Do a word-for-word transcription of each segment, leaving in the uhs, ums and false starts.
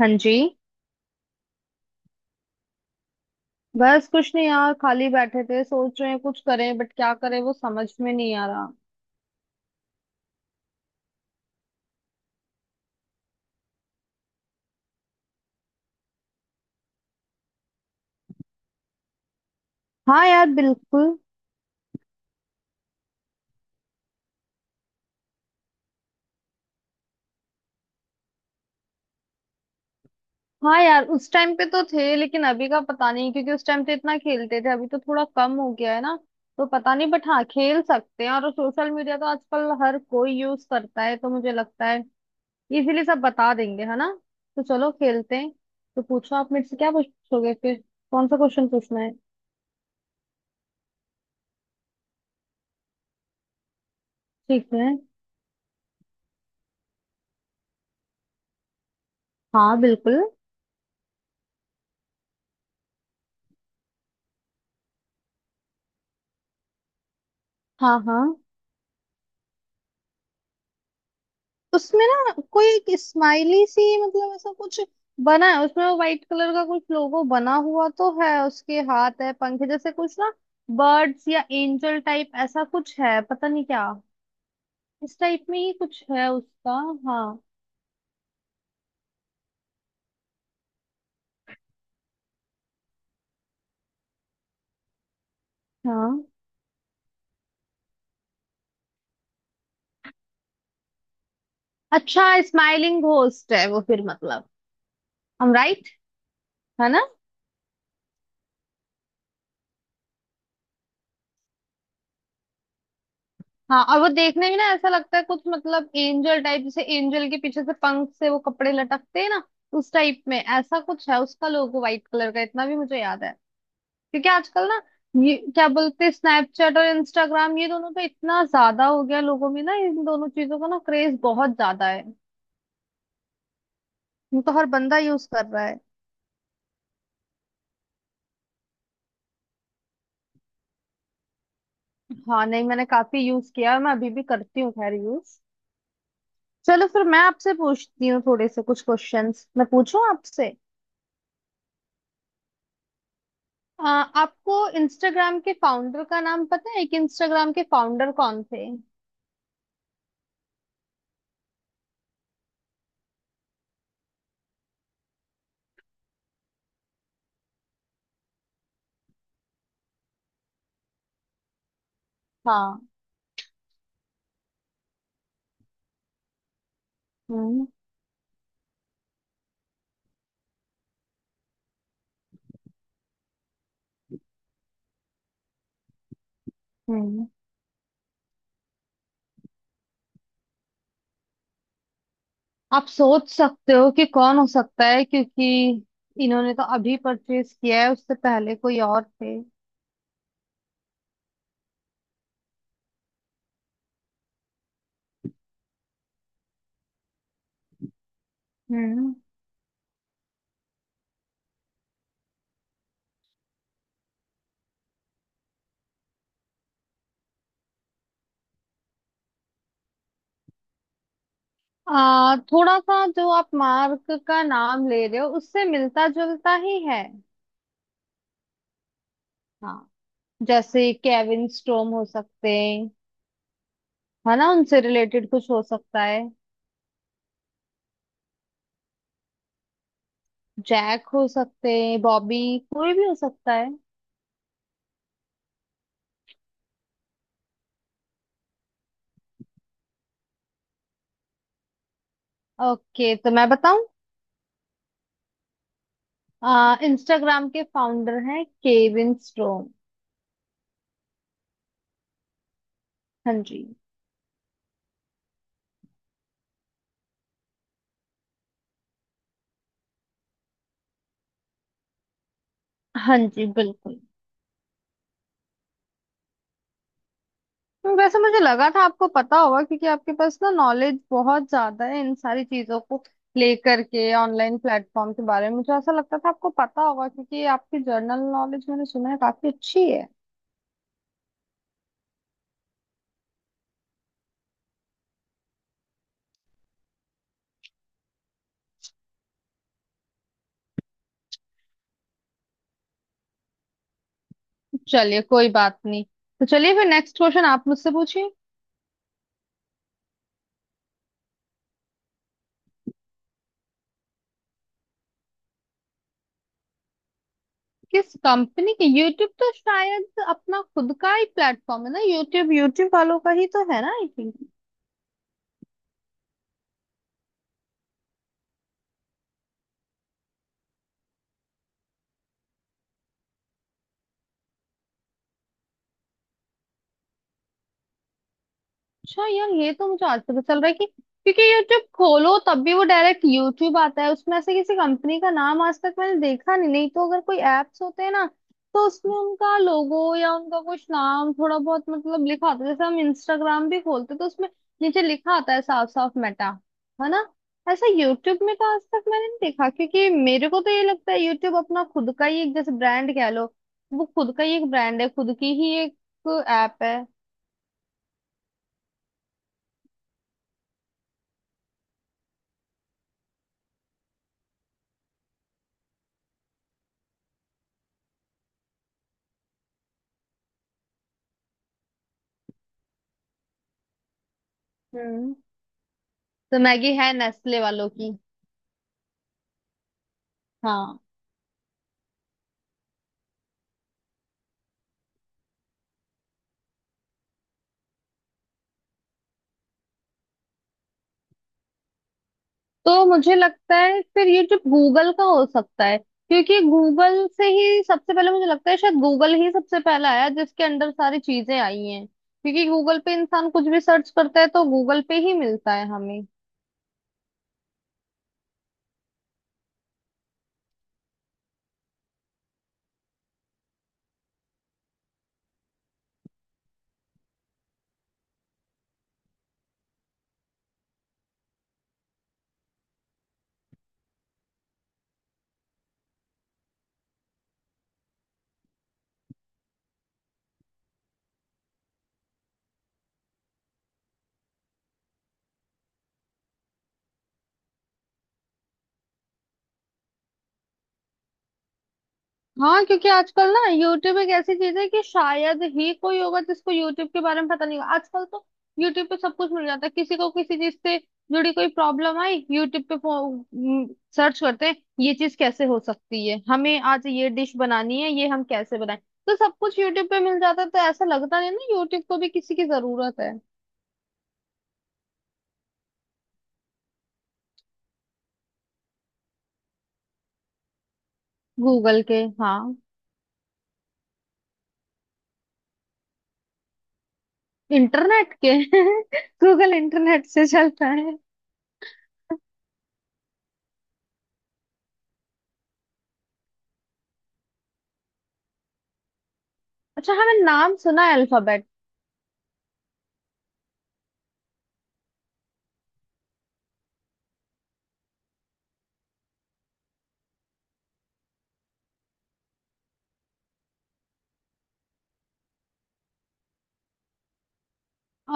हाँ जी। बस कुछ नहीं यार, खाली बैठे थे, सोच रहे हैं कुछ करें बट क्या करें वो समझ में नहीं आ रहा। हाँ यार बिल्कुल। हाँ यार, उस टाइम पे तो थे लेकिन अभी का पता नहीं, क्योंकि उस टाइम तो इतना खेलते थे, अभी तो थोड़ा कम हो गया है ना। तो पता नहीं बट हाँ, खेल सकते हैं। और सोशल मीडिया तो आजकल हर कोई यूज करता है, तो मुझे लगता है इजीली सब बता देंगे, है ना। तो चलो खेलते हैं। तो पूछो, आप मेरे से क्या पूछोगे फिर, कौन सा क्वेश्चन पूछना है। ठीक है। हाँ बिल्कुल। हाँ हाँ। उसमें ना कोई एक स्माइली सी मतलब ऐसा कुछ बना है उसमें। वो व्हाइट कलर का कुछ लोगो बना हुआ तो है, उसके हाथ है, पंख है जैसे कुछ ना। बर्ड्स या एंजल टाइप ऐसा कुछ है, पता नहीं क्या। इस टाइप में ही कुछ है उसका। हाँ हाँ। अच्छा, स्माइलिंग घोस्ट है वो फिर मतलब। हम राइट, है ना। हाँ, और वो देखने में ना ऐसा लगता है कुछ मतलब एंजल टाइप, जैसे एंजल के पीछे से पंख से वो कपड़े लटकते हैं ना, उस टाइप में ऐसा कुछ है उसका लोगो, व्हाइट कलर का, इतना भी मुझे याद है। क्योंकि आजकल ना, ये क्या बोलते हैं, स्नैपचैट और इंस्टाग्राम ये दोनों तो इतना ज्यादा हो गया लोगों में ना, इन दोनों चीजों का ना क्रेज बहुत ज्यादा है। ये तो हर बंदा यूज कर रहा है। हाँ नहीं, मैंने काफी यूज किया है, मैं अभी भी करती हूँ खैर यूज। चलो फिर मैं आपसे पूछती हूँ थोड़े से कुछ क्वेश्चंस, मैं पूछूं आपसे। आ, आपको इंस्टाग्राम के फाउंडर का नाम पता है, कि इंस्टाग्राम के फाउंडर कौन थे। हाँ। हम्म हम्म आप सोच सकते हो कि कौन हो सकता है, क्योंकि इन्होंने तो अभी परचेज किया है, उससे पहले कोई और थे। हम्म। आ, थोड़ा सा जो आप मार्क का नाम ले रहे हो, उससे मिलता जुलता ही है। हाँ, जैसे केविन स्टोम हो सकते हैं, है ना, उनसे रिलेटेड कुछ हो सकता है। जैक हो सकते हैं, बॉबी, कोई भी हो सकता है। ओके, तो मैं बताऊं। आ, इंस्टाग्राम के फाउंडर हैं केविन स्टोम। हाँ जी। हाँ जी बिल्कुल। हम्म, वैसे मुझे लगा था आपको पता होगा, क्योंकि आपके पास ना नॉलेज बहुत ज्यादा है इन सारी चीजों को लेकर के, ऑनलाइन प्लेटफॉर्म के बारे में मुझे ऐसा लगता था आपको पता होगा, क्योंकि आपकी जर्नल नॉलेज मैंने सुना है काफी अच्छी है। चलिए कोई बात नहीं। तो चलिए फिर नेक्स्ट क्वेश्चन आप मुझसे पूछिए। किस कंपनी के, यूट्यूब तो शायद अपना खुद का ही प्लेटफॉर्म है ना। यूट्यूब यूट्यूब वालों का ही तो है ना आई थिंक। अच्छा यार, ये तो मुझे आज पता चल रहा है कि, क्योंकि यूट्यूब खोलो तब भी वो डायरेक्ट यूट्यूब आता है उसमें, ऐसे किसी कंपनी का नाम आज तक मैंने देखा नहीं, नहीं तो अगर कोई एप्स होते हैं ना, तो उसमें उनका लोगो या उनका कुछ नाम थोड़ा बहुत मतलब लिखा होता है। जैसे हम इंस्टाग्राम भी खोलते हैं, तो उसमें नीचे लिखा आता है साफ साफ मेटा, है ना। ऐसा यूट्यूब में तो आज तक मैंने नहीं देखा, क्योंकि मेरे को तो ये लगता है यूट्यूब अपना खुद का ही एक जैसे ब्रांड कह लो। वो खुद का ही एक ब्रांड है, खुद की ही एक ऐप है। हम्म। तो मैगी है नेस्ले वालों की। हाँ, तो मुझे लगता है फिर ये जो गूगल का हो सकता है, क्योंकि गूगल से ही सबसे पहले, मुझे लगता है शायद गूगल ही सबसे पहला आया जिसके अंदर सारी चीजें आई हैं, क्योंकि गूगल पे इंसान कुछ भी सर्च करता है तो गूगल पे ही मिलता है हमें। हाँ, क्योंकि आजकल ना यूट्यूब एक ऐसी चीज है कि शायद ही कोई होगा जिसको यूट्यूब के बारे में पता नहीं होगा। आजकल तो यूट्यूब पे सब कुछ मिल जाता है, किसी को किसी चीज से जुड़ी कोई प्रॉब्लम आई, यूट्यूब पे सर्च करते हैं ये चीज कैसे हो सकती है, हमें आज ये डिश बनानी है ये हम कैसे बनाएं। तो सब कुछ यूट्यूब पे मिल जाता है, तो ऐसा लगता नहीं ना यूट्यूब को भी किसी की जरूरत है। गूगल के, हाँ। इंटरनेट के गूगल इंटरनेट से चलता है। अच्छा हाँ, मैंने नाम सुना है अल्फाबेट।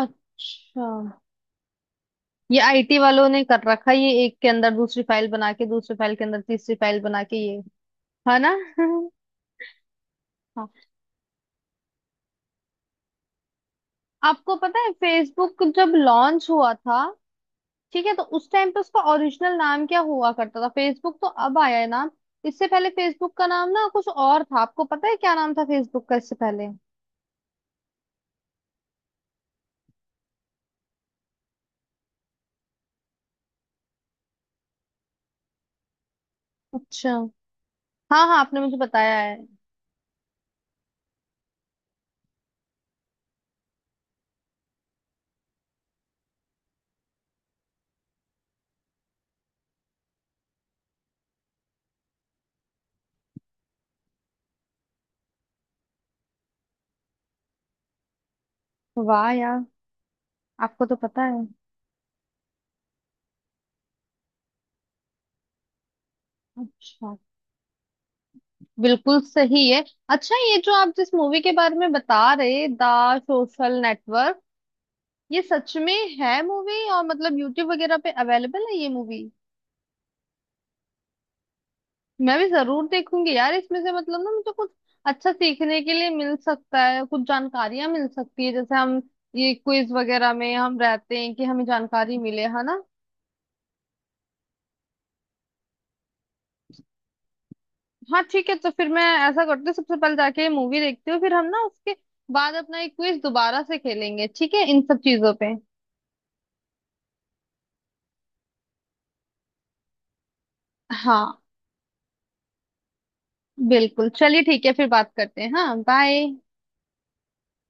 अच्छा, ये आईटी वालों ने कर रखा है ये, एक के अंदर दूसरी फाइल बना के, दूसरी फाइल के अंदर तीसरी फाइल बना के ये। है ना। हाँ। आपको पता है फेसबुक जब लॉन्च हुआ था, ठीक है, तो उस टाइम पे उसका ओरिजिनल नाम क्या हुआ करता था। फेसबुक तो अब आया है नाम, इससे पहले फेसबुक का नाम ना कुछ और था। आपको पता है क्या नाम था फेसबुक का इससे पहले। अच्छा। हाँ हाँ आपने मुझे बताया है। वाह यार, आपको तो पता है। अच्छा। बिल्कुल सही है। अच्छा, ये जो आप जिस मूवी के बारे में बता रहे, द सोशल नेटवर्क, ये सच में है मूवी, और मतलब यूट्यूब वगैरह पे अवेलेबल है ये मूवी। मैं भी जरूर देखूंगी यार, इसमें से मतलब ना मुझे कुछ अच्छा सीखने के लिए मिल सकता है, कुछ जानकारियां मिल सकती है। जैसे हम ये क्विज वगैरह में हम रहते हैं कि हमें जानकारी मिले, है ना। हाँ ठीक है, तो फिर मैं ऐसा करती हूँ, सबसे पहले जाके ये मूवी देखती हूँ, फिर हम ना उसके बाद अपना एक क्विज दोबारा से खेलेंगे, ठीक है, इन सब चीजों पे। हाँ बिल्कुल, चलिए ठीक है, फिर बात करते हैं। हाँ बाय।